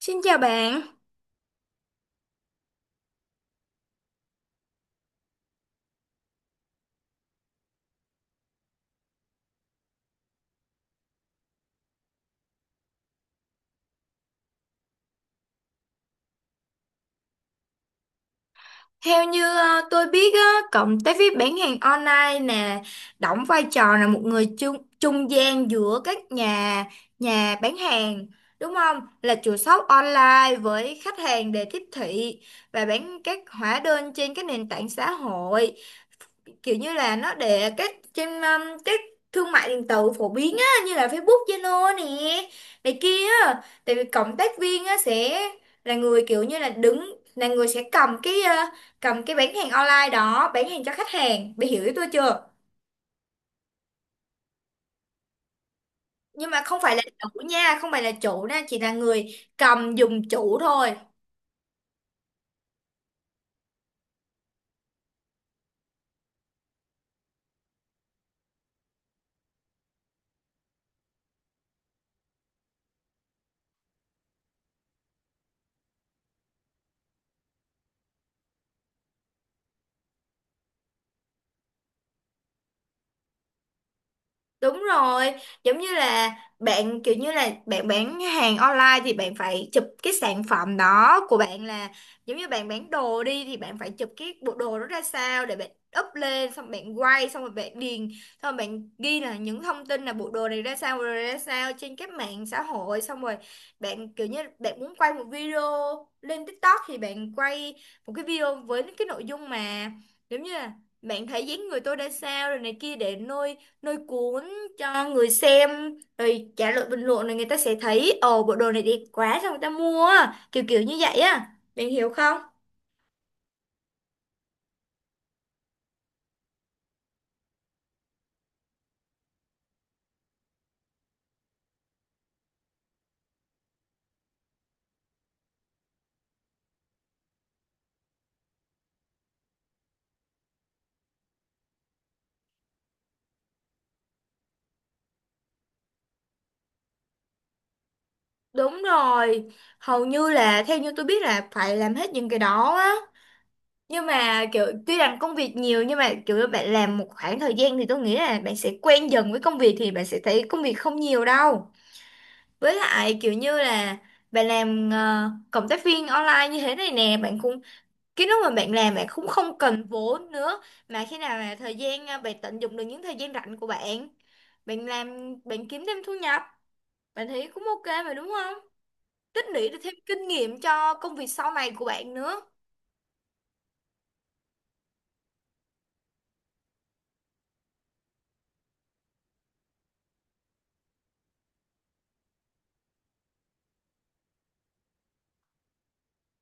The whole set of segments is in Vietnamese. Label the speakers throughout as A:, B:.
A: Xin chào bạn. Theo như tôi biết á, cộng tác viên bán hàng online nè đóng vai trò là một người trung trung gian giữa các nhà nhà bán hàng đúng không? Là chủ shop online với khách hàng để tiếp thị và bán các hóa đơn trên các nền tảng xã hội. Kiểu như là nó để các trên các thương mại điện tử phổ biến á như là Facebook, Zalo nè này kia á, tại vì cộng tác viên á sẽ là người kiểu như là đứng là người sẽ cầm cầm cái bán hàng online đó bán hàng cho khách hàng bị hiểu ý tôi chưa. Nhưng mà không phải là chủ nha, không phải là chủ nha, chỉ là người cầm dùng chủ thôi. Đúng rồi, giống như là bạn kiểu như là bạn bán hàng online thì bạn phải chụp cái sản phẩm đó của bạn, là giống như bạn bán đồ đi thì bạn phải chụp cái bộ đồ đó ra sao để bạn up lên, xong bạn quay, xong rồi bạn điền, xong rồi bạn ghi là những thông tin là bộ đồ này ra sao, bộ đồ này ra sao trên các mạng xã hội. Xong rồi bạn kiểu như bạn muốn quay một video lên TikTok thì bạn quay một cái video với cái nội dung mà giống như là bạn thấy dáng người tôi ra sao rồi này kia để nuôi nuôi cuốn cho người xem, rồi trả lời bình luận rồi người ta sẽ thấy "Ồ, bộ đồ này đẹp quá, sao người ta mua á?" Kiểu kiểu như vậy á, bạn hiểu không. Đúng rồi, hầu như là theo như tôi biết là phải làm hết những cái đó á, nhưng mà kiểu tuy rằng công việc nhiều nhưng mà kiểu bạn làm một khoảng thời gian thì tôi nghĩ là bạn sẽ quen dần với công việc thì bạn sẽ thấy công việc không nhiều đâu. Với lại kiểu như là bạn làm cộng tác viên online như thế này nè, bạn cũng cái lúc mà bạn làm bạn cũng không cần vốn nữa, mà khi nào là bạn tận dụng được những thời gian rảnh của bạn, bạn làm bạn kiếm thêm thu nhập, bạn thấy cũng ok mà đúng không, tích lũy được thêm kinh nghiệm cho công việc sau này của bạn nữa.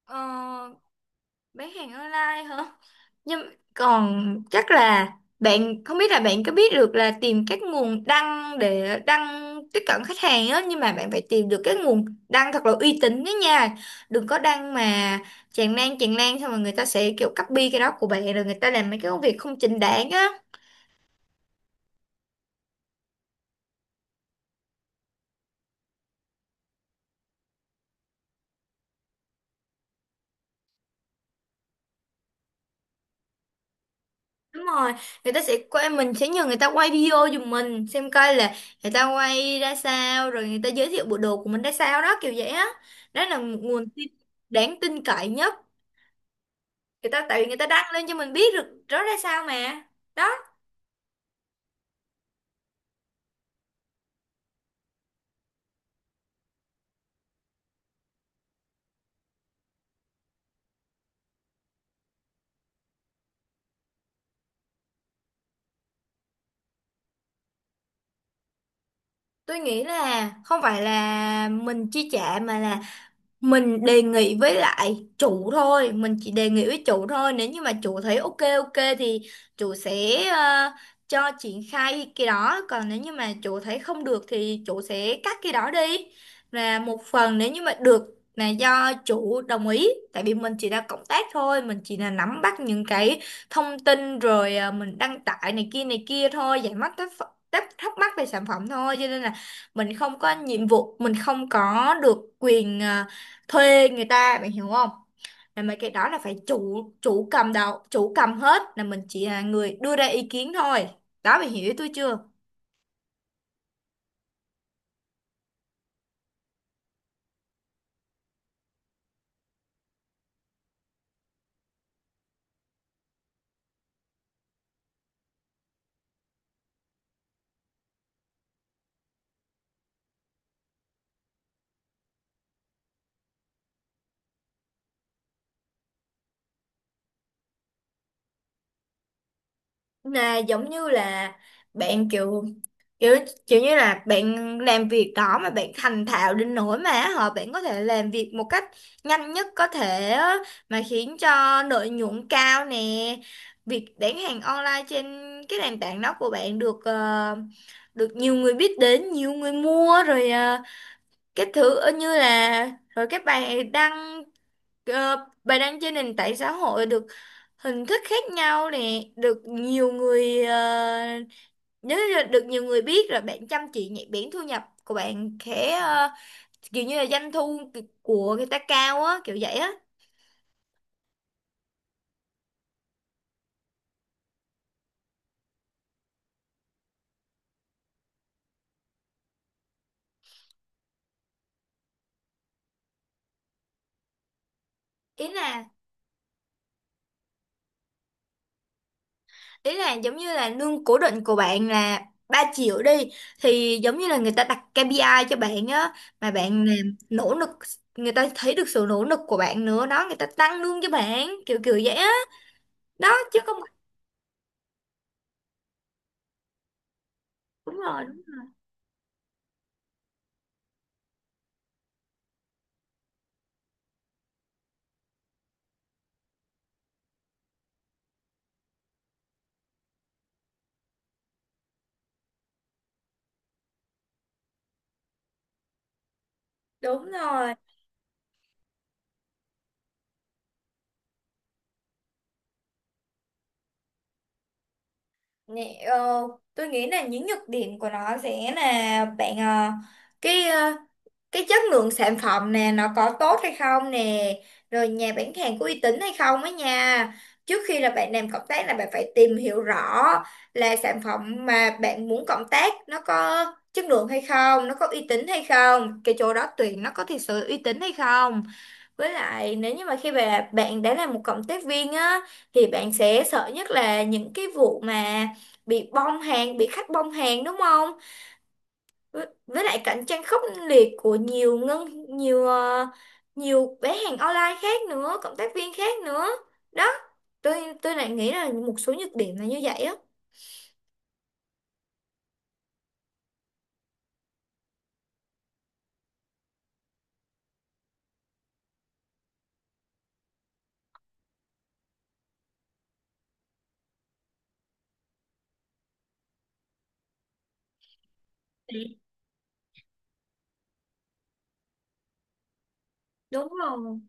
A: ờ, bán hàng online hả. Nhưng còn chắc là bạn không biết là bạn có biết được là tìm các nguồn đăng để đăng tiếp cận khách hàng á, nhưng mà bạn phải tìm được cái nguồn đăng thật là uy tín đó nha. Đừng có đăng mà tràn lan, xong rồi người ta sẽ kiểu copy cái đó của bạn rồi người ta làm mấy cái công việc không chính đáng á. Đúng rồi, người ta sẽ quay, mình sẽ nhờ người ta quay video giùm mình xem coi là người ta quay ra sao rồi người ta giới thiệu bộ đồ của mình ra sao đó, kiểu vậy á. Đó là một nguồn tin đáng tin cậy nhất, người ta tại vì người ta đăng lên cho mình biết được đó ra sao mà, đó. Tôi nghĩ là không phải là mình chi trả mà là mình đề nghị với lại chủ thôi, mình chỉ đề nghị với chủ thôi, nếu như mà chủ thấy ok ok thì chủ sẽ cho triển khai cái đó, còn nếu như mà chủ thấy không được thì chủ sẽ cắt cái đó đi. Và một phần nếu như mà được là do chủ đồng ý, tại vì mình chỉ là cộng tác thôi, mình chỉ là nắm bắt những cái thông tin rồi mình đăng tải này kia thôi, giải mắc thắc thắc mắc về sản phẩm thôi, cho nên là mình không có nhiệm vụ, mình không có được quyền thuê người ta, bạn hiểu không. Là mấy cái đó là phải chủ chủ cầm đầu, chủ cầm hết, là mình chỉ là người đưa ra ý kiến thôi, đó bạn hiểu ý tôi chưa. Là giống như là bạn kiểu kiểu kiểu như là bạn làm việc đó mà bạn thành thạo đến nỗi mà họ bạn có thể làm việc một cách nhanh nhất có thể á, mà khiến cho lợi nhuận cao nè, việc bán hàng online trên cái nền tảng đó của bạn được được nhiều người biết đến, nhiều người mua rồi cái như là rồi các bài đăng bài đăng trên nền tảng xã hội được hình thức khác nhau nè được nhiều người, nếu như là được nhiều người biết rồi bạn chăm chỉ nhạy bén, thu nhập của bạn kiểu như là doanh thu của người ta cao á, kiểu vậy á. Ý là ý là giống như là lương cố định của bạn là 3 triệu đi, thì giống như là người ta đặt KPI cho bạn á, mà bạn làm nỗ lực, người ta thấy được sự nỗ lực của bạn nữa đó, người ta tăng lương cho bạn kiểu kiểu vậy á, đó chứ không. Đúng rồi. Đúng rồi. Nè, tôi nghĩ là những nhược điểm của nó sẽ là cái ờ, cái chất lượng sản phẩm nè nó có tốt hay không nè, rồi nhà bán hàng có uy tín hay không á nha. Trước khi là bạn làm cộng tác là bạn phải tìm hiểu rõ là sản phẩm mà bạn muốn cộng tác nó có chất lượng hay không, nó có uy tín hay không, cái chỗ đó tuyển nó có thực sự uy tín hay không. Với lại nếu như mà khi mà bạn đã là một cộng tác viên á thì bạn sẽ sợ nhất là những cái vụ mà bị bong hàng, bị khách bong hàng đúng không, với lại cạnh tranh khốc liệt của nhiều ngân nhiều nhiều bán hàng online khác nữa, cộng tác viên khác nữa, đó. Tôi lại nghĩ là một số nhược điểm là như vậy á. Đúng rồi.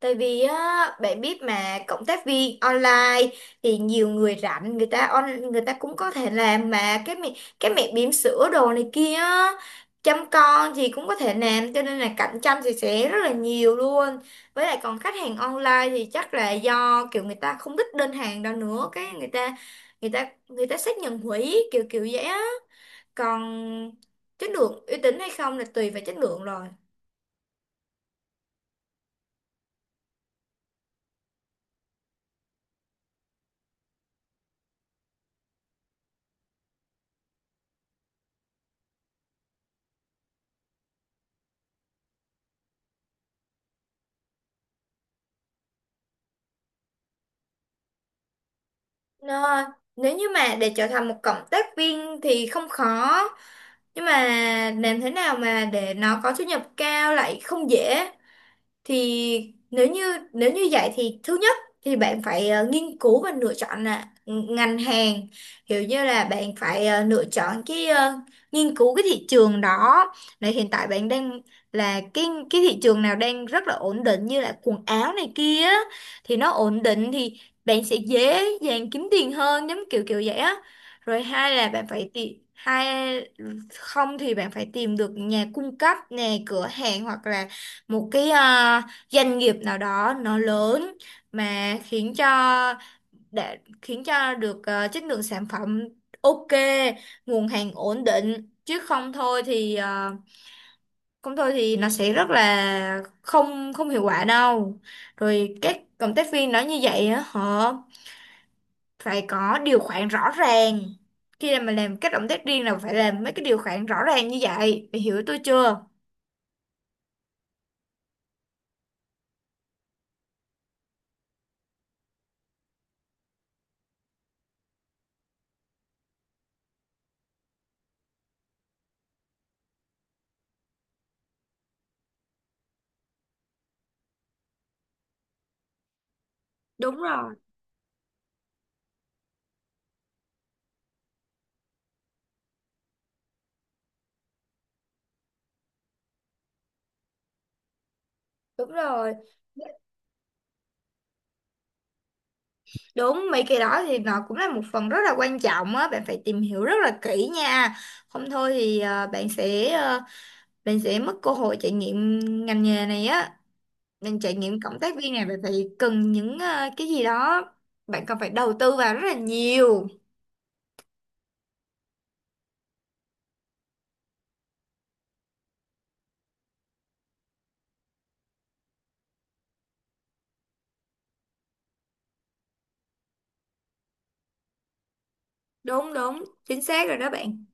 A: Tại vì á, bạn biết mà cộng tác viên online thì nhiều người rảnh người ta on người ta cũng có thể làm, mà cái cái mẹ bỉm sữa đồ này kia á, chăm con thì cũng có thể làm, cho nên là cạnh tranh thì sẽ rất là nhiều luôn. Với lại còn khách hàng online thì chắc là do kiểu người ta không thích đơn hàng đâu nữa, cái người ta người ta xác nhận hủy kiểu kiểu vậy á. Còn chất lượng uy tín hay không là tùy vào chất lượng rồi. Nó, ơi, nếu như mà để trở thành một cộng tác viên thì không khó, nhưng mà làm thế nào mà để nó có thu nhập cao lại không dễ. Thì nếu như vậy thì thứ nhất thì bạn phải nghiên cứu và lựa chọn là ngành hàng, kiểu như là bạn phải lựa chọn nghiên cứu cái thị trường đó, này hiện tại bạn đang là cái thị trường nào đang rất là ổn định, như là quần áo này kia á, thì nó ổn định thì bạn sẽ dễ dàng kiếm tiền hơn, giống kiểu kiểu vậy á. Rồi hai là bạn phải tìm hai, không thì bạn phải tìm được nhà cung cấp nè, cửa hàng hoặc là một doanh nghiệp nào đó nó lớn, mà khiến cho để khiến cho được chất lượng sản phẩm ok, nguồn hàng ổn định, chứ không thôi thì không thôi thì nó sẽ rất là không không hiệu quả đâu. Rồi các cộng tác viên nói như vậy á họ phải có điều khoản rõ ràng, khi mà làm các động tác riêng là phải làm mấy cái điều khoản rõ ràng như vậy, mày hiểu tôi chưa. Đúng rồi. Đúng rồi. Đúng, mấy cái đó thì nó cũng là một phần rất là quan trọng á, bạn phải tìm hiểu rất là kỹ nha. Không thôi thì bạn sẽ mất cơ hội trải nghiệm ngành nghề này á. Mình trải nghiệm cộng tác viên này bạn phải cần những cái gì đó, bạn cần phải đầu tư vào rất là nhiều. Đúng đúng, chính xác rồi đó bạn.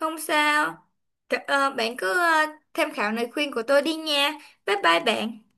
A: Không sao. Bạn cứ tham khảo lời khuyên của tôi đi nha. Bye bye bạn.